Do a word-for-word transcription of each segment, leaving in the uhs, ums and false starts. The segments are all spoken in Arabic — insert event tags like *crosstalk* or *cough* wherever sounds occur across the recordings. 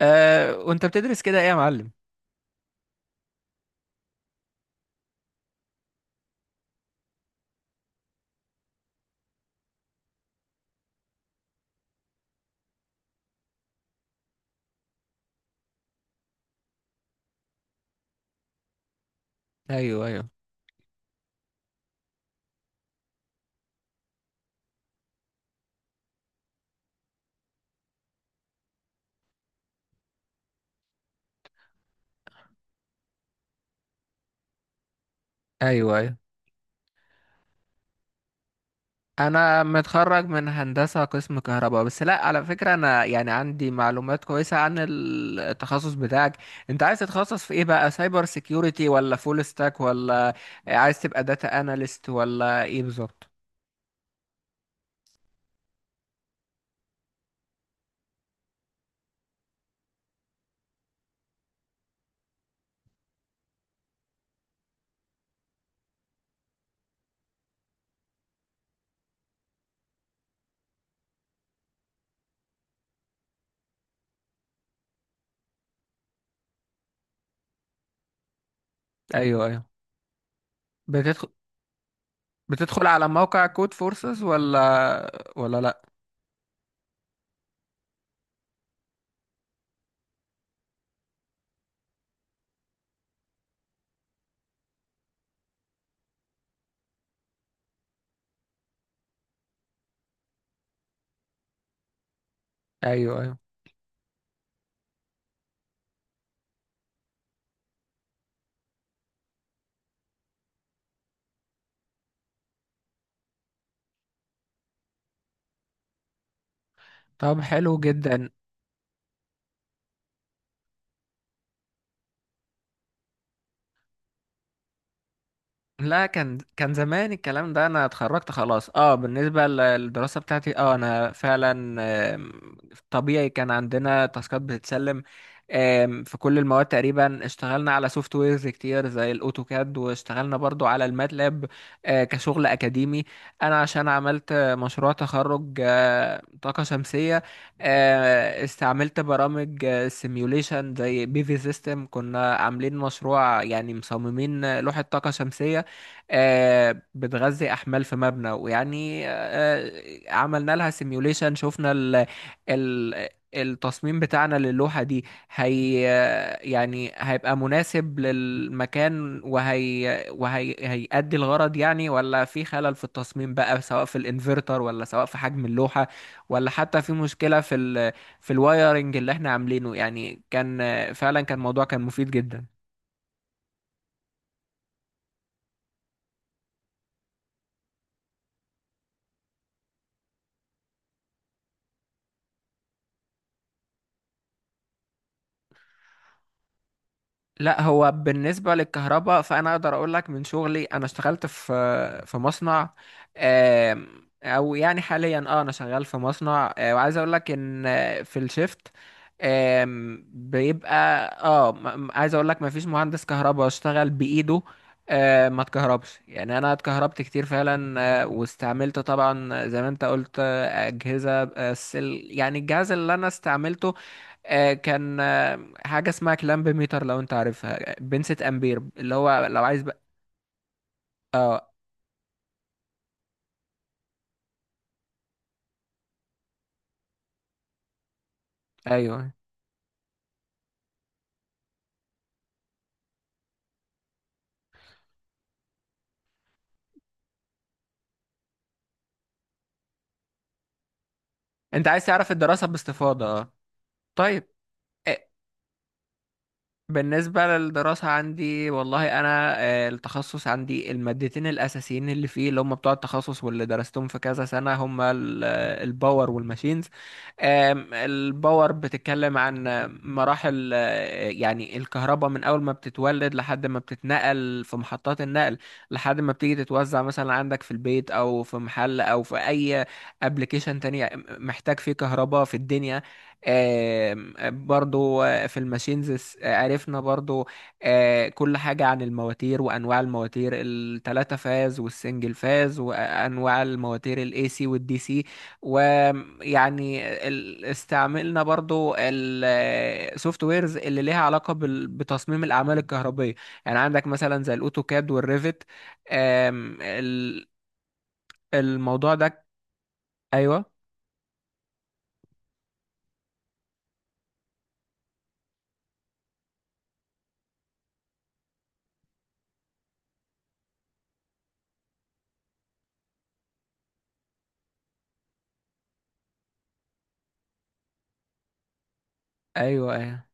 أه وانت بتدرس كده ايه يا معلم؟ ايوه، ايوه، ايوه، ايوه. انا متخرج من هندسة قسم كهرباء. بس لا، على فكرة، انا يعني عندي معلومات كويسة عن ال- التخصص بتاعك. انت عايز تتخصص في ايه بقى؟ سايبر سيكيورتي، ولا فول ستاك، ولا عايز تبقى داتا اناليست، ولا ايه بالظبط؟ ايوه، ايوه. بتدخل بتدخل على موقع كود فورسز، ولا ولا لا؟ ايوه، ايوه. طب حلو جدا. لا، كان كان زمان الكلام ده، انا اتخرجت خلاص. اه، بالنسبه ل- للدراسه بتاعتي، اه انا فعلا آم، طبيعي كان عندنا تاسكات بتتسلم آم، في كل المواد. تقريبا اشتغلنا على سوفت ويرز كتير زي الاوتوكاد، واشتغلنا برضو على الماتلاب آه، كشغل اكاديمي. انا عشان عملت مشروع تخرج آه، طاقه شمسيه، آه، استعملت برامج سيميوليشن زي بي في سيستم. كنا عاملين مشروع، يعني مصممين لوحه طاقه شمسيه آه، بتغذي احمال في مبنى، ويعني آه، آه، عملنا لها سيميوليشن. شفنا ال ال التصميم بتاعنا للوحة دي، هي آه، يعني هيبقى مناسب للمكان، وهي وهي هيأدي الغرض يعني، ولا في خلل في التصميم بقى، سواء في الانفرتر، ولا سواء في حجم اللوحة، ولا حتى في مشكلة في ال في الوايرنج اللي احنا عاملينه. يعني كان آه، فعلا كان موضوع كان مفيد جدا. لا، هو بالنسبة للكهرباء، فأنا أقدر أقول لك من شغلي. أنا اشتغلت في في مصنع، آم، أو يعني حاليا أه أنا شغال في مصنع، آه، وعايز أقول لك إن آه، في الشيفت آم، بيبقى أه م- م- عايز أقول لك مفيش مهندس كهرباء اشتغل بإيده آه، ما اتكهربش. يعني أنا اتكهربت كتير فعلا. آه، واستعملت طبعا زي ما أنت قلت آه، أجهزة. آه، السل- يعني الجهاز اللي أنا استعملته آه، كان آه، حاجه اسمها كلامب ميتر، لو انت عارفها، بنسة امبير، اللي هو لو عايز بقى. اه، ايوه. انت عايز تعرف الدراسه باستفاضه؟ اه، طيب. آه، بالنسبة للدراسة عندي، والله أنا آه، التخصص عندي، المادتين الأساسيين اللي فيه، اللي هم بتوع التخصص واللي درستهم في كذا سنة، هم ال- آه، الباور والماشينز. آم، الباور بتتكلم عن آه، مراحل آه، يعني الكهرباء من أول ما بتتولد لحد ما بتتنقل في محطات النقل، لحد ما بتيجي تتوزع مثلا عندك في البيت، أو في محل، أو في أي أبليكيشن تاني محتاج فيه كهرباء في الدنيا. آم، برضو آه، في الماشينز عرفنا برضو آه، كل حاجة عن المواتير، وأنواع المواتير التلاتة فاز والسنجل فاز، وأنواع المواتير الاي سي والدي سي. ويعني ال- استعملنا برضو السوفت ويرز اللي ليها علاقة بال- بتصميم الأعمال الكهربية، يعني عندك مثلا زي الأوتوكاد والريفت. آم، ال- الموضوع ده. أيوه. أيوه. أيوه،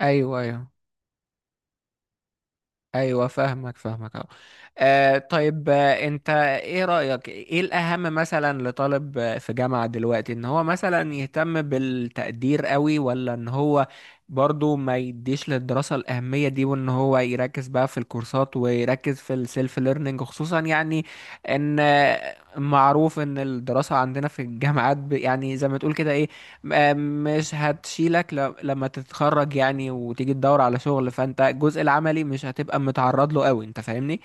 أيوه، أيوه، ايوه. فاهمك، فاهمك اهو. آه طيب، آه انت ايه رأيك؟ ايه الاهم مثلا لطالب آه، في جامعة دلوقتي؟ ان هو مثلا يهتم بالتقدير قوي، ولا ان هو برضو ما يديش للدراسة الأهمية دي، وان هو يركز بقى في الكورسات ويركز في السيلف ليرنينج؟ خصوصا يعني ان آه، معروف ان الدراسة عندنا في الجامعات ب- يعني زي ما تقول كده ايه، م- مش هتشيلك ل- لما تتخرج يعني. وتيجي تدور على شغل، فانت الجزء العملي مش هتبقى متعرض له قوي، انت فاهمني؟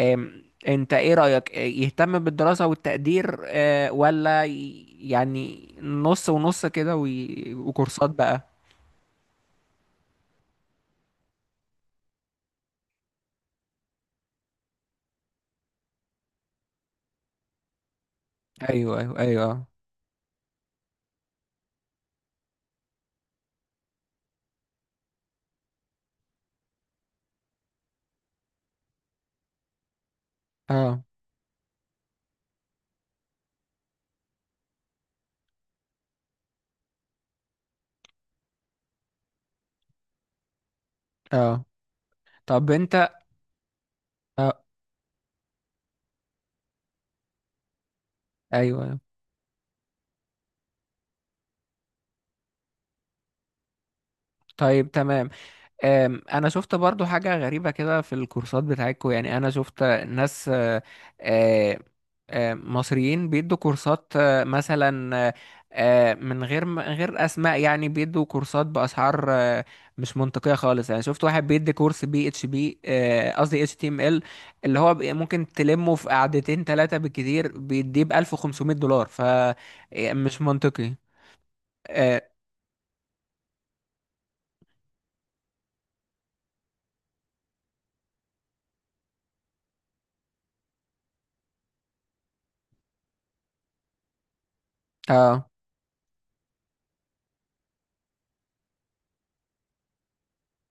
أم، انت ايه رأيك؟ آه، يهتم بالدراسة والتقدير، أه، ولا ي- يعني نص ونص كده، وي- وكورسات بقى؟ ايوه، ايوه، ايوه. اه، اه. طب انت. اه. ايوه. أيوة. طيب، تمام. أم، انا شفت برضو حاجة غريبة كده في الكورسات بتاعتكم. يعني انا شفت ناس آه، آه، آه، مصريين بيدوا كورسات آه، مثلا آه، آه، من غير من غير اسماء يعني، بيدوا كورسات باسعار آه، مش منطقية خالص. يعني شفت واحد بيدي كورس بي اتش بي، قصدي اتش تي ام ال، اللي هو بي- ممكن تلمه في قعدتين ثلاثة بالكتير، بيديه ب ألف وخمسمية دولار، فمش منطقي. اه، اه.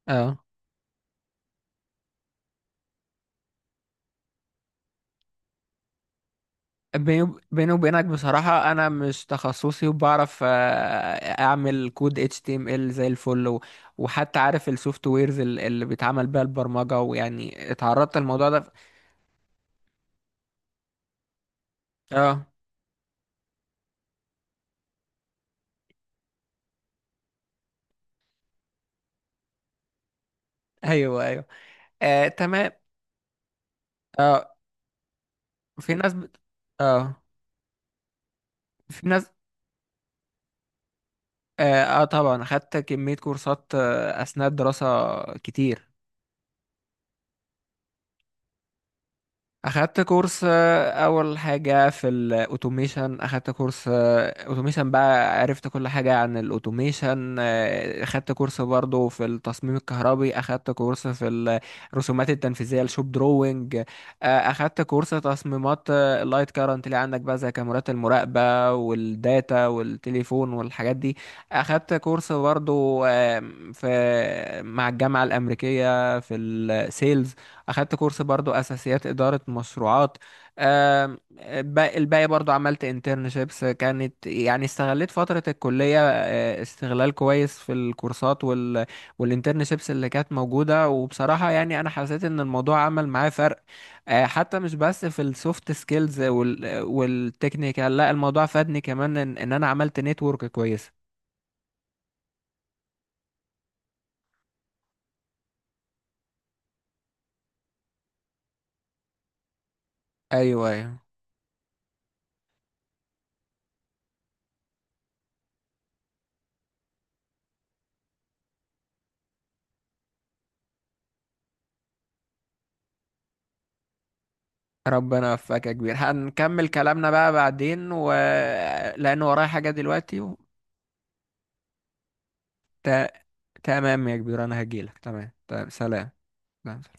آه. بيني بيني وبينك بصراحة، أنا مش تخصصي، وبعرف آه، أعمل كود H T M L زي الفل، و- وحتى عارف السوفت ويرز اللي بيتعمل بيها البرمجة، ويعني اتعرضت للموضوع ده في- اه. *laughs* أيوه، أيوه. آه، تمام. اه، في ناس بت... اه في ناس. اه، آه طبعا خدت كمية كورسات آه، أثناء الدراسة، كتير. اخدت كورس آه، اول حاجه في الاوتوميشن. اخدت كورس اوتوميشن بقى، عرفت كل حاجه عن الاوتوميشن. آه، اخدت كورس برضو في التصميم الكهربي. اخدت كورس في الرسومات التنفيذيه، الشوب دروينج. آه، اخدت كورس تصميمات آه، اللايت كارنت اللي عندك بقى، زي كاميرات المراقبه والداتا والتليفون والحاجات دي. اخدت كورس برضو آه، في مع الجامعه الامريكيه في السيلز. اخدت كورس برضو اساسيات اداره مشروعات. آم، الباقي الباقي برضو، عملت انترنشيبس. كانت يعني استغليت فتره الكليه آه، استغلال كويس، في الكورسات وال والانترنشيبس اللي كانت موجوده. وبصراحه يعني انا حسيت ان الموضوع عمل معايا فرق آه، حتى مش بس في السوفت سكيلز وال والتكنيكال، لا، الموضوع فادني كمان ان إن انا عملت نتورك كويس. ايوه، ايوه. ربنا يوفقك يا كبير، هنكمل كلامنا بقى بعدين، و... لأن ورايا حاجة دلوقتي، و... ت... تمام يا كبير، أنا هجيلك. تمام، تمام. سلام. سلام.